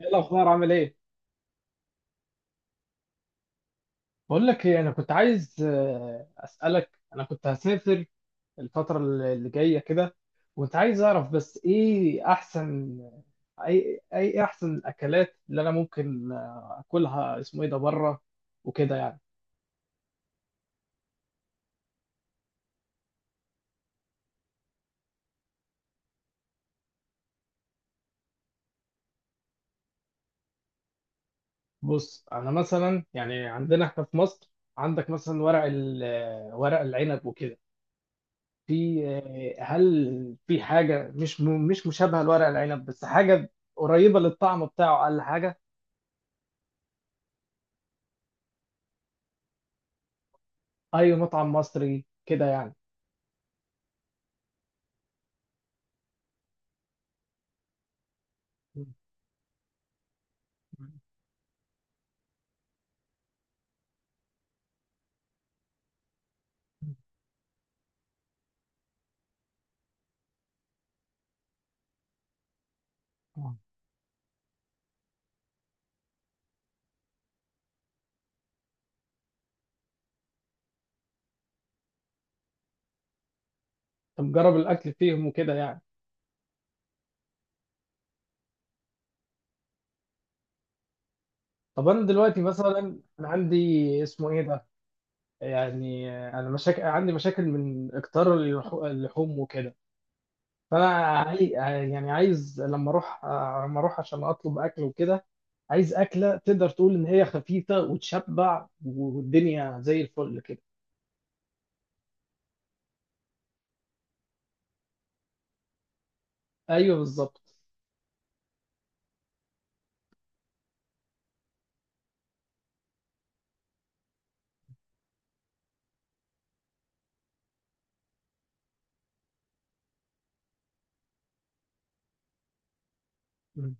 ايه الاخبار، عامل ايه؟ بقول لك ايه، انا كنت عايز اسالك. انا كنت هسافر الفتره اللي جايه كده، وكنت عايز اعرف بس ايه احسن اي اي احسن الاكلات اللي انا ممكن اكلها اسمه ايه ده بره وكده يعني. بص، انا مثلا يعني عندنا احنا في مصر عندك مثلا ورق العنب وكده. في آه، هل في حاجه مش مشابهه لورق العنب، بس حاجه قريبه للطعم بتاعه اقل حاجه؟ اي مطعم مصري كده يعني. مم. مم. آه. طب جرب الاكل فيهم وكده يعني. طب انا دلوقتي مثلا انا عندي اسمه ايه ده، يعني انا مشاكل عندي مشاكل من اكتار اللحوم وكده، فانا عاي... يعني عايز لما اروح عشان اطلب اكل وكده، عايز اكله تقدر تقول ان هي خفيفه وتشبع والدنيا زي الفل كده. ايوه بالظبط. مم.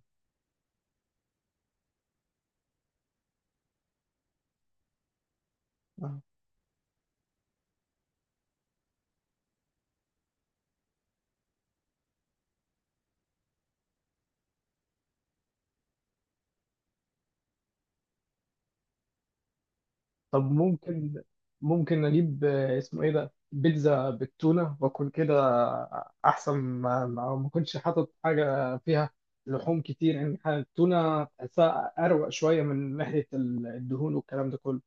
طب ممكن اجيب اسمه ايه ده بيتزا بالتونه واكل كده، احسن ما كنتش حاطط حاجه فيها لحوم كتير، التونه تحسها اروق شويه من ناحيه الدهون والكلام ده كله.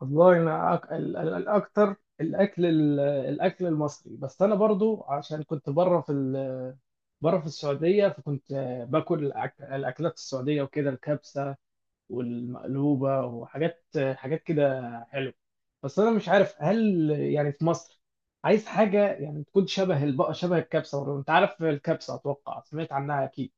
والله انا الاكتر الاكل المصري، بس انا برضو عشان كنت بره في السعوديه، فكنت باكل الاكلات السعوديه وكده، الكبسه والمقلوبة وحاجات حاجات كده حلوة. بس أنا مش عارف هل يعني في مصر عايز حاجة يعني تكون شبه الكبسة. أنت عارف الكبسة، أتوقع سمعت عنها أكيد.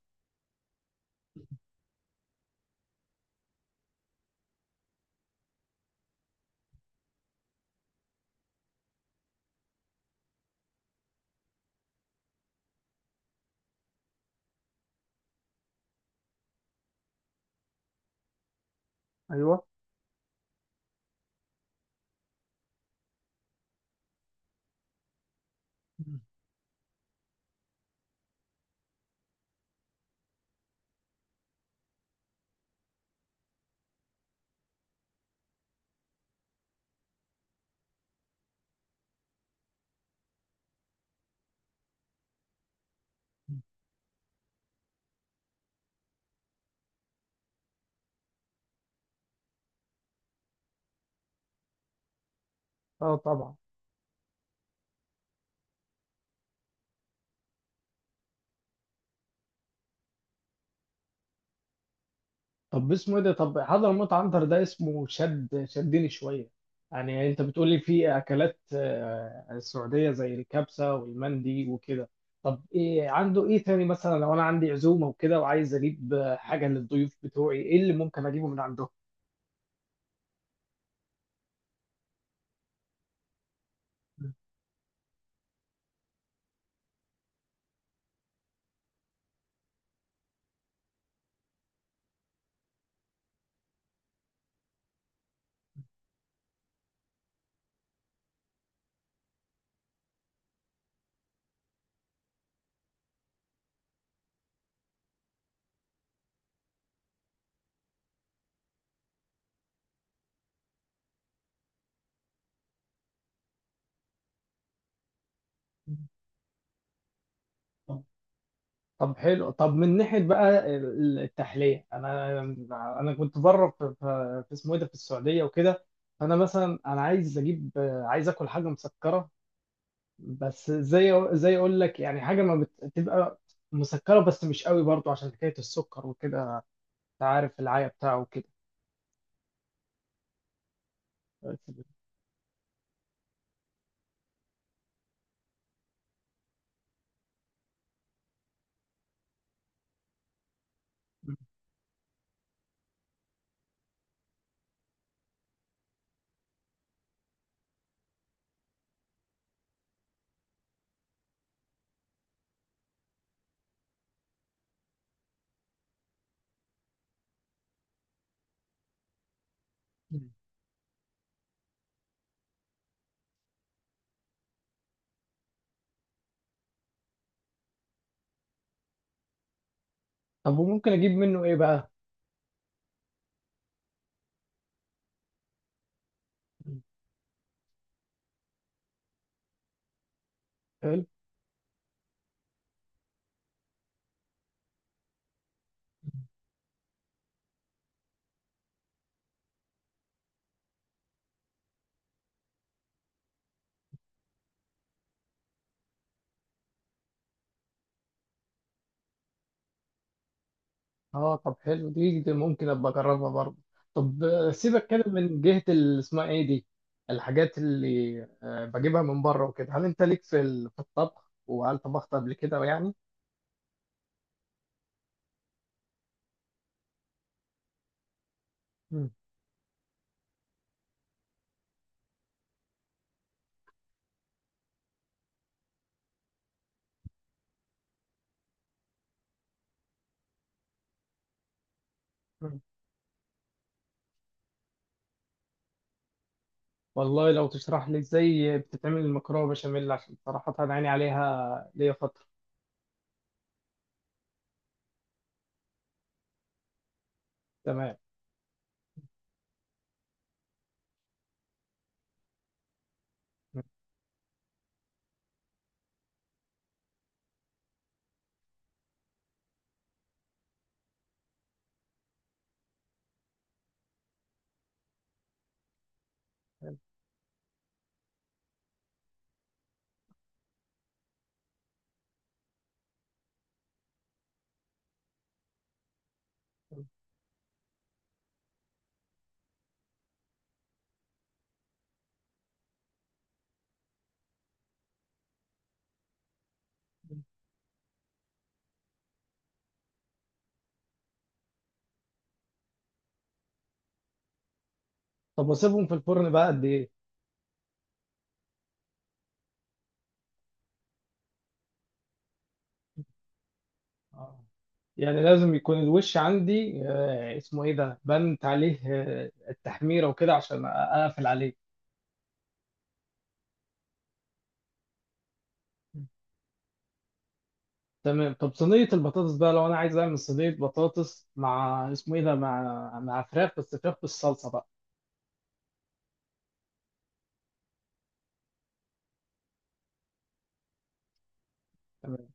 ايوه. اه طبعا. طب اسمه ايه ده، طب حضرموت عنتر ده اسمه شدني شويه. يعني انت بتقولي في اكلات سعوديه زي الكبسه والمندي وكده، طب ايه عنده، ايه تاني مثلا لو انا عندي عزومه وكده وعايز اجيب حاجه للضيوف بتوعي، ايه اللي ممكن اجيبه من عندهم؟ طب حلو. طب من ناحيه بقى التحليه، انا كنت بره في اسمه ايه ده في السعوديه وكده، فانا مثلا انا عايز اجيب آه، عايز اكل حاجه مسكره، بس زي اقول لك يعني حاجه ما بتبقى مسكره بس مش قوي برضو، عشان حكايه السكر وكده، انت عارف العيا بتاعه وكده. طب وممكن اجيب منه ايه بقى؟ حلو. اه طب حلو، دي ممكن ابقى اجربها برضو. طب سيبك كده من جهه اسمها ايه دي، الحاجات اللي بجيبها من بره وكده. هل انت ليك في الطبخ، وهل طبخت قبل كده يعني؟ مم. والله لو تشرح لي ازاي بتتعمل المكرونه بشاميل، عشان صراحه انا عيني عليها ليا فتره. تمام. طب واسيبهم في الفرن بقى قد ايه؟ آه. يعني لازم يكون الوش عندي اسمه ايه ده بنت عليه التحميره وكده عشان اقفل عليه. تمام. طب صينيه البطاطس بقى، لو انا عايز اعمل صينيه بطاطس مع اسمه ايه ده مع فراخ، بس فراخ بالصلصه بقى. تمام.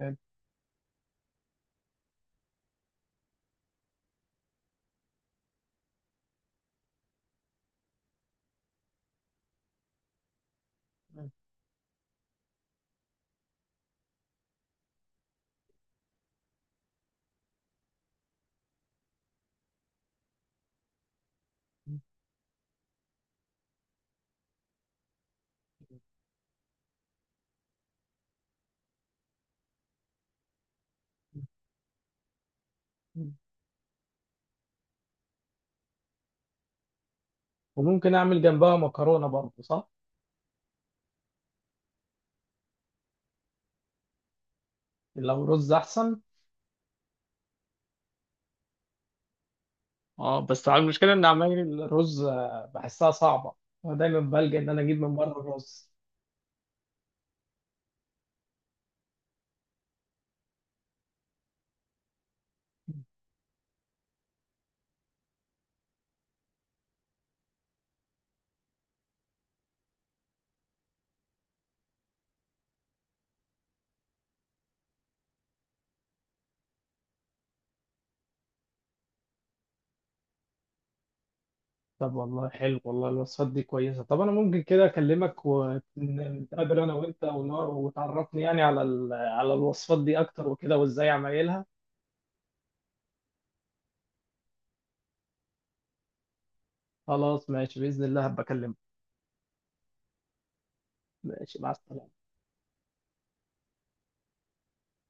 حلو. وممكن اعمل جنبها مكرونه برضه، صح؟ لو رز احسن. اه بس على المشكله ان عمايل الرز بحسها صعبه، انا دايما بلجأ ان انا اجيب من بره الرز. طب والله حلو، والله الوصفات دي كويسه. طب انا ممكن كده اكلمك ونتقابل انا وانت ونار، وتعرفني يعني على الوصفات دي اكتر وكده وازاي عمايلها. خلاص ماشي، باذن الله هبقى اكلمك. ماشي، مع السلامه.